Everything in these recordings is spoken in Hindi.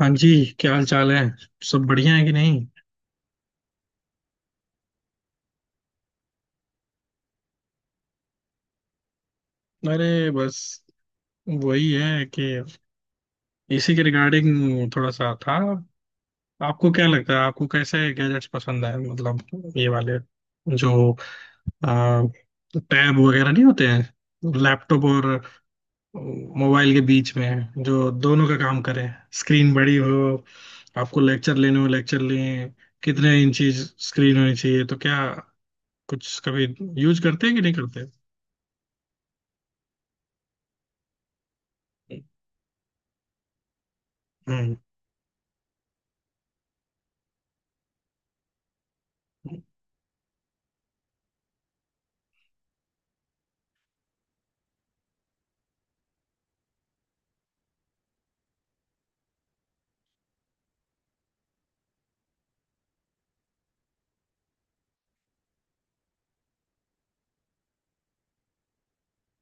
हाँ जी। क्या हाल चाल है। सब बढ़िया है कि नहीं। अरे बस वही है कि इसी के रिगार्डिंग थोड़ा सा था। आपको क्या लगता है आपको कैसे गैजेट्स पसंद है मतलब ये वाले जो टैब वगैरह नहीं होते हैं, लैपटॉप और मोबाइल के बीच में जो दोनों का काम करें, स्क्रीन बड़ी हो, आपको लेक्चर लेने हो लेक्चर लें। कितने इंची स्क्रीन होनी चाहिए, तो क्या कुछ कभी यूज करते हैं कि नहीं करते। हम्म।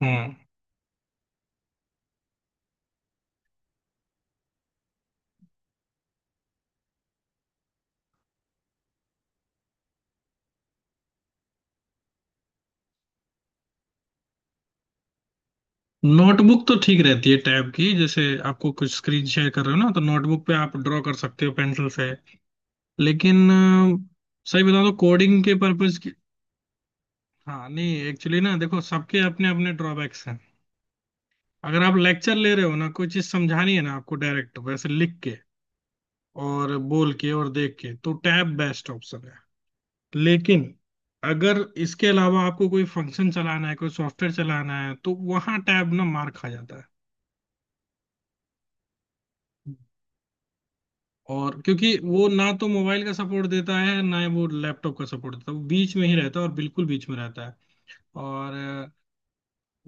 हम्म। नोटबुक तो ठीक रहती है, टैब की जैसे आपको कुछ स्क्रीन शेयर कर रहे हो ना, तो नोटबुक पे आप ड्रॉ कर सकते हो पेंसिल से। लेकिन सही बताऊं तो कोडिंग के पर्पज की। हाँ नहीं, एक्चुअली ना देखो सबके अपने अपने ड्रॉबैक्स हैं। अगर आप लेक्चर ले रहे हो ना, कोई चीज समझानी है ना आपको डायरेक्ट वैसे लिख के और बोल के और देख के, तो टैब बेस्ट ऑप्शन है। लेकिन अगर इसके अलावा आपको कोई फंक्शन चलाना है, कोई सॉफ्टवेयर चलाना है, तो वहां टैब ना मार खा जाता है। और क्योंकि वो ना तो मोबाइल का सपोर्ट देता है ना ही वो लैपटॉप का सपोर्ट देता है, वो बीच में ही रहता है और बिल्कुल बीच में रहता है। और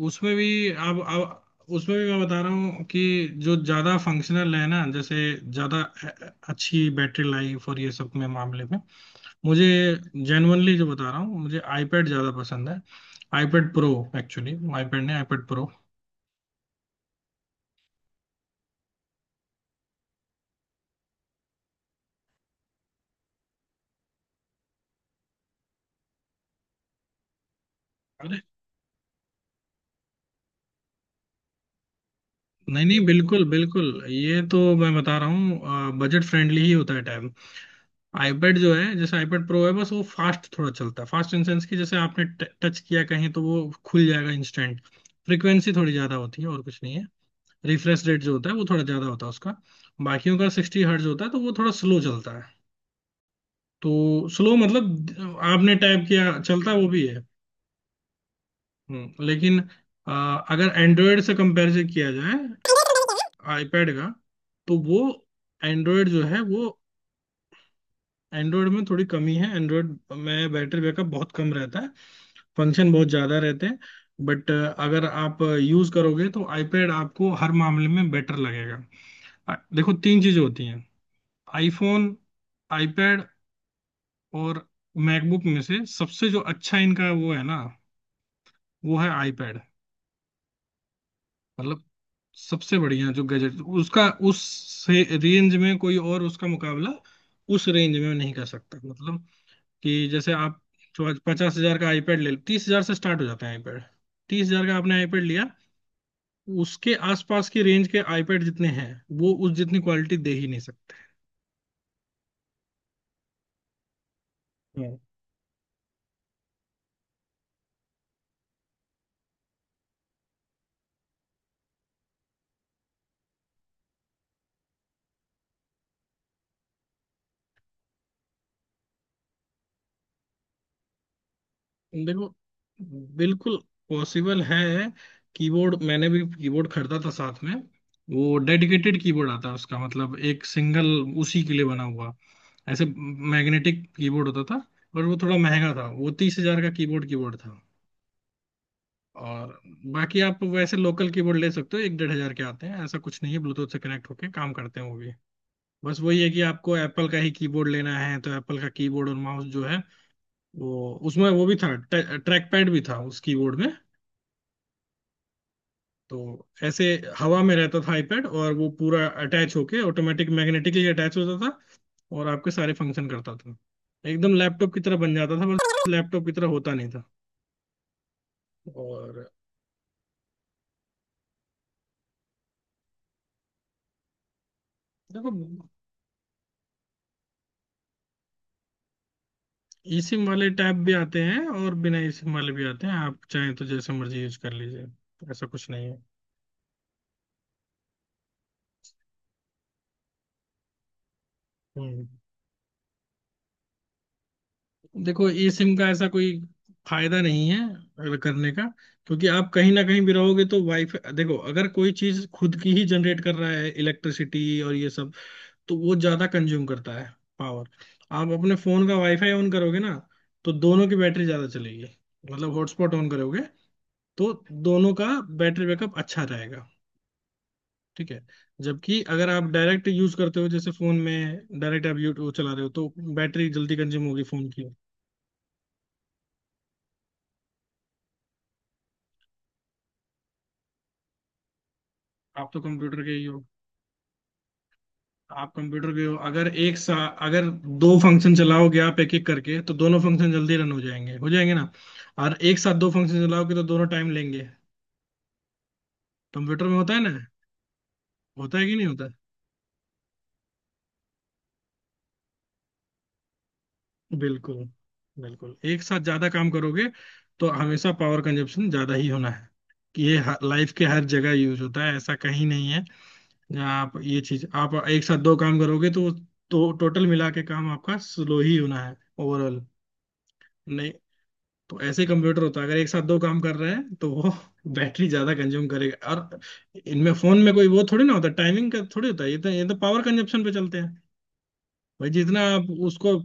उसमें भी अब उसमें भी मैं बता रहा हूँ कि जो ज़्यादा फंक्शनल है ना, जैसे ज़्यादा अच्छी बैटरी लाइफ और ये सब में मामले में मुझे, जेनुअनली जो बता रहा हूँ, मुझे आईपैड ज़्यादा पसंद है। IPad pro. एक्चुअली आईपैड नहीं, आईपैड प्रो। अरे नहीं नहीं, बिल्कुल बिल्कुल, ये तो मैं बता रहा हूँ बजट फ्रेंडली ही होता है। आईपैड जो है, जैसे आईपैड प्रो है, बस वो फास्ट थोड़ा चलता है। फास्ट इन सेंस की जैसे आपने टच किया कहीं तो वो खुल जाएगा इंस्टेंट। फ्रीक्वेंसी थोड़ी ज्यादा होती है और कुछ नहीं है। रिफ्रेश रेट जो होता है वो थोड़ा ज्यादा होता है उसका। बाकियों का 60 Hz होता है तो वो थोड़ा स्लो चलता है। तो स्लो मतलब आपने टाइप किया, चलता वो भी है। हम्म। लेकिन अ, अगर एंड्रॉयड से कंपेरिजन किया जाए आईपैड का तो वो एंड्रॉयड जो है वो, एंड्रॉयड में थोड़ी कमी है। एंड्रॉयड में बैटरी बैकअप बहुत कम रहता है, फंक्शन बहुत ज्यादा रहते हैं। बट अगर आप यूज करोगे तो आईपैड आपको हर मामले में बेटर लगेगा। देखो तीन चीजें होती हैं, आईफोन, आईपैड और मैकबुक। में से सबसे जो अच्छा इनका वो है ना, वो है आईपैड। मतलब सबसे बढ़िया जो गैजेट उसका, उस से रेंज में कोई और उसका मुकाबला उस रेंज में नहीं कर सकता। मतलब कि जैसे आप 50,000 का आईपैड ले, 30,000 से स्टार्ट हो जाता है आईपैड। 30,000 का आपने आईपैड लिया, उसके आसपास की रेंज के आईपैड जितने हैं वो उस जितनी क्वालिटी दे ही नहीं सकते। हम्म। देखो, बिल्कुल पॉसिबल है। कीबोर्ड, मैंने भी कीबोर्ड खरीदा था साथ में। वो डेडिकेटेड कीबोर्ड आता है उसका, मतलब एक सिंगल उसी के लिए बना हुआ, ऐसे मैग्नेटिक कीबोर्ड होता था। और वो थोड़ा महंगा था, वो 30,000 का कीबोर्ड कीबोर्ड था। और बाकी आप वैसे लोकल कीबोर्ड ले सकते हो, एक 1,500 के आते हैं, ऐसा कुछ नहीं है। ब्लूटूथ से कनेक्ट होके काम करते हैं वो भी। बस वही है कि आपको एप्पल का ही कीबोर्ड लेना है तो एप्पल का कीबोर्ड और माउस जो है वो, उसमें वो भी था। ट्रैक पैड भी था उस कीबोर्ड में। तो ऐसे हवा में रहता था आईपैड, और वो पूरा अटैच होके ऑटोमेटिक मैग्नेटिकली अटैच होता था और आपके सारे फंक्शन करता था। एकदम लैपटॉप की तरह बन जाता था, बस लैपटॉप की तरह होता नहीं था। और देखो, ई सिम वाले टैब भी आते हैं और बिना ई सिम वाले भी आते हैं, आप चाहें तो जैसे मर्जी यूज कर लीजिए। ऐसा कुछ नहीं है। हम्म। देखो ई सिम का ऐसा कोई फायदा नहीं है अगर करने का, क्योंकि आप कहीं ना कहीं भी रहोगे तो वाईफाई, देखो अगर कोई चीज खुद की ही जनरेट कर रहा है इलेक्ट्रिसिटी और ये सब, तो वो ज्यादा कंज्यूम करता है पावर। आप अपने फोन का वाईफाई ऑन करोगे ना, तो दोनों की बैटरी ज्यादा चलेगी। मतलब हॉटस्पॉट ऑन करोगे तो दोनों का बैटरी बैकअप अच्छा रहेगा। ठीक है। जबकि अगर आप डायरेक्ट यूज करते हो, जैसे फोन में डायरेक्ट आप यूट्यूब चला रहे हो तो बैटरी जल्दी कंज्यूम होगी फोन की। आप तो कंप्यूटर के ही हो। आप कंप्यूटर के हो, अगर एक सा, अगर दो फंक्शन चलाओगे आप एक एक करके तो दोनों फंक्शन जल्दी रन हो जाएंगे, हो जाएंगे ना। और एक साथ दो फंक्शन चलाओगे तो दोनों टाइम लेंगे। कंप्यूटर में होता है ना, होता है कि नहीं होता। बिल्कुल। बिल्कुल एक साथ ज्यादा काम करोगे तो हमेशा पावर कंजप्शन ज्यादा ही होना है। कि ये लाइफ के हर जगह यूज होता है, ऐसा कहीं नहीं है। जहाँ आप ये चीज आप एक साथ दो काम करोगे तो टोटल मिला के काम आपका स्लो ही होना है ओवरऑल। नहीं तो ऐसे, कंप्यूटर होता है, अगर एक साथ दो काम कर रहे हैं तो वो बैटरी ज्यादा कंज्यूम करेगा। और इनमें फोन में कोई वो थोड़ी ना होता, टाइमिंग का थोड़ी होता है, ये तो पावर कंजप्शन पे चलते हैं भाई। जितना आप उसको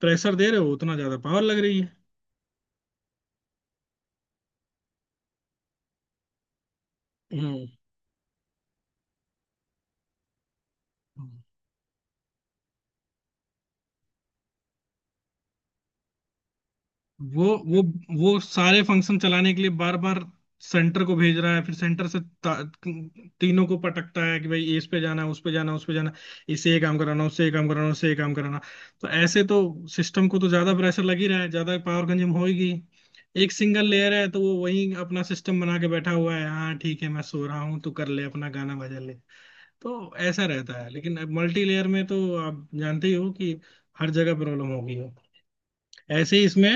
प्रेशर दे रहे हो उतना ज्यादा पावर लग रही है। हम्म। वो वो वो सारे फंक्शन चलाने के लिए बार बार सेंटर को भेज रहा है, फिर सेंटर से तीनों को पटकता है कि भाई इस पे जाना है, उस पे जाना है, उस पे जाना, इसे ये काम कराना, उससे ये काम कराना, उससे ये काम कराना। तो ऐसे तो सिस्टम को तो ज्यादा प्रेशर लग ही रहा है, ज्यादा पावर कंज्यूम होगी। एक सिंगल लेयर है तो वो वही अपना सिस्टम बना के बैठा हुआ है, हाँ ठीक है मैं सो रहा हूँ, तू कर ले अपना गाना बजा ले। तो ऐसा रहता है, लेकिन मल्टी लेयर में तो आप जानते ही हो कि हर जगह प्रॉब्लम होगी। ऐसे ही इसमें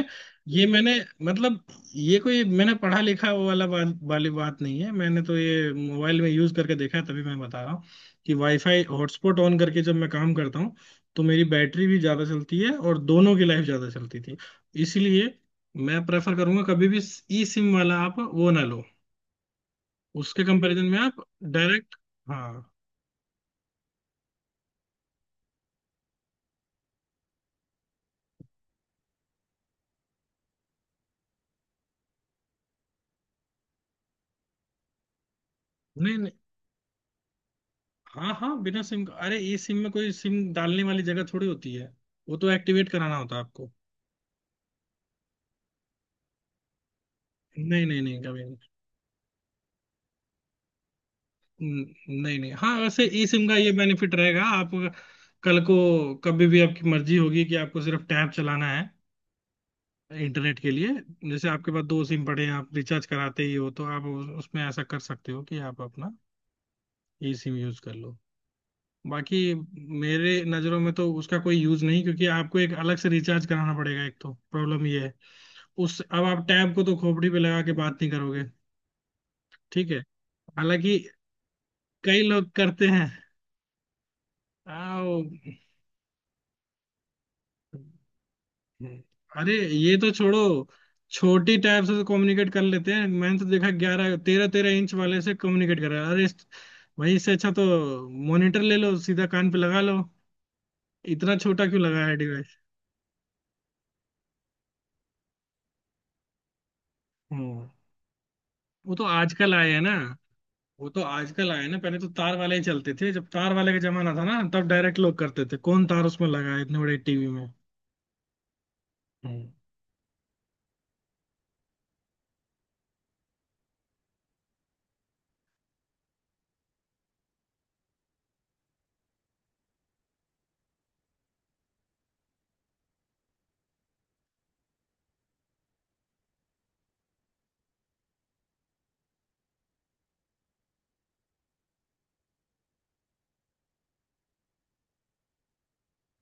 ये, मैंने मतलब ये कोई मैंने पढ़ा लिखा वो वाला वाली बात नहीं है, मैंने तो ये मोबाइल में यूज करके देखा है, तभी मैं बता रहा हूँ कि वाईफाई हॉटस्पॉट ऑन करके जब मैं काम करता हूँ तो मेरी बैटरी भी ज्यादा चलती है और दोनों की लाइफ ज्यादा चलती थी। इसलिए मैं प्रेफर करूंगा कभी भी ई सिम वाला आप वो ना लो, उसके कंपैरिजन में आप डायरेक्ट। हाँ। नहीं नहीं। हाँ हाँ, बिना सिम का, अरे ई सिम में कोई सिम डालने वाली जगह थोड़ी होती है, वो तो एक्टिवेट कराना होता है आपको। नहीं नहीं नहीं, कभी नहीं। न- नहीं नहीं, हाँ वैसे ई सिम का ये बेनिफिट रहेगा आप, कल को कभी भी आपकी मर्जी होगी कि आपको सिर्फ टैब चलाना है इंटरनेट के लिए, जैसे आपके पास दो सिम पड़े हैं आप रिचार्ज कराते ही हो, तो आप उसमें ऐसा कर सकते हो कि आप अपना ई सिम यूज कर लो। बाकी मेरे नज़रों में तो उसका कोई यूज नहीं, क्योंकि आपको एक अलग से रिचार्ज कराना पड़ेगा, एक तो प्रॉब्लम ये है उस, अब आप टैब को तो खोपड़ी पे लगा के बात नहीं करोगे। ठीक है। हालांकि कई लोग करते हैं। आओ। अरे ये तो छोड़ो, छोटी टैब से तो कम्युनिकेट कर लेते हैं, मैंने तो देखा 11 तेरह तेरह इंच वाले से कम्युनिकेट कर रहा है। अरे वही इससे अच्छा तो मॉनिटर ले लो, सीधा कान पे लगा लो। इतना छोटा क्यों लगाया है डिवाइस। हम्म। वो तो आजकल आए हैं ना। वो तो आजकल आए हैं ना, पहले तो तार वाले ही चलते थे, जब तार वाले का जमाना था ना तब डायरेक्ट लोग करते थे, कौन तार उसमें लगा है इतने बड़े टीवी में। हम्म।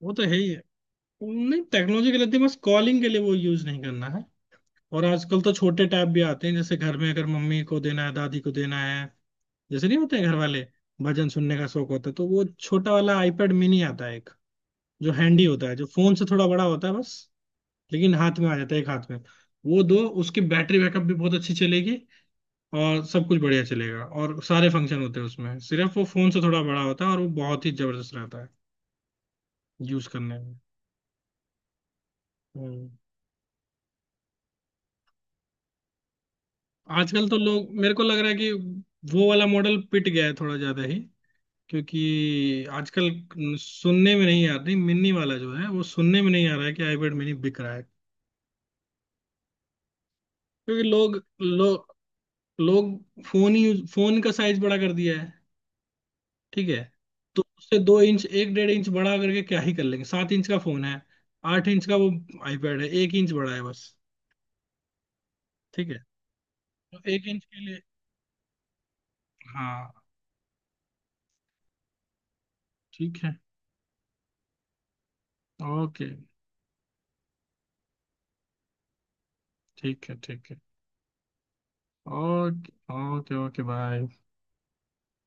वो तो है ही है। नहीं टेक्नोलॉजी के लिए तो, बस कॉलिंग के लिए वो यूज नहीं करना है। और आजकल तो छोटे टैब भी आते हैं, जैसे घर में अगर मम्मी को देना है, दादी को देना है, जैसे नहीं होते हैं घर वाले, भजन सुनने का शौक होता है, तो वो छोटा वाला आईपैड मिनी आता है एक, जो हैंडी होता है, जो फोन से थोड़ा बड़ा होता है बस। लेकिन हाथ में आ जाता है एक हाथ में वो दो। उसकी बैटरी बैकअप भी बहुत अच्छी चलेगी और सब कुछ बढ़िया चलेगा, और सारे फंक्शन होते हैं उसमें, सिर्फ वो फोन से थोड़ा बड़ा होता है और वो बहुत ही जबरदस्त रहता है यूज करने में। हम्म। आजकल तो लोग, मेरे को लग रहा है कि वो वाला मॉडल पिट गया है थोड़ा ज्यादा ही, क्योंकि आजकल सुनने में नहीं आ रही, मिनी वाला जो है वो सुनने में नहीं आ रहा है कि आईपैड मिनी बिक रहा है। क्योंकि लोग, लोग लोग फोन ही, फोन का साइज बड़ा कर दिया है। ठीक है। तो उससे 2 इंच, एक 1.5 इंच बड़ा करके क्या ही कर लेंगे, 7 इंच का फोन है, 8 इंच का वो आईपैड है, 1 इंच बड़ा है बस। ठीक है। तो 1 इंच के लिए। हाँ। ठीक है। ओके। ठीक है ठीक है। Okay okay okay, bye.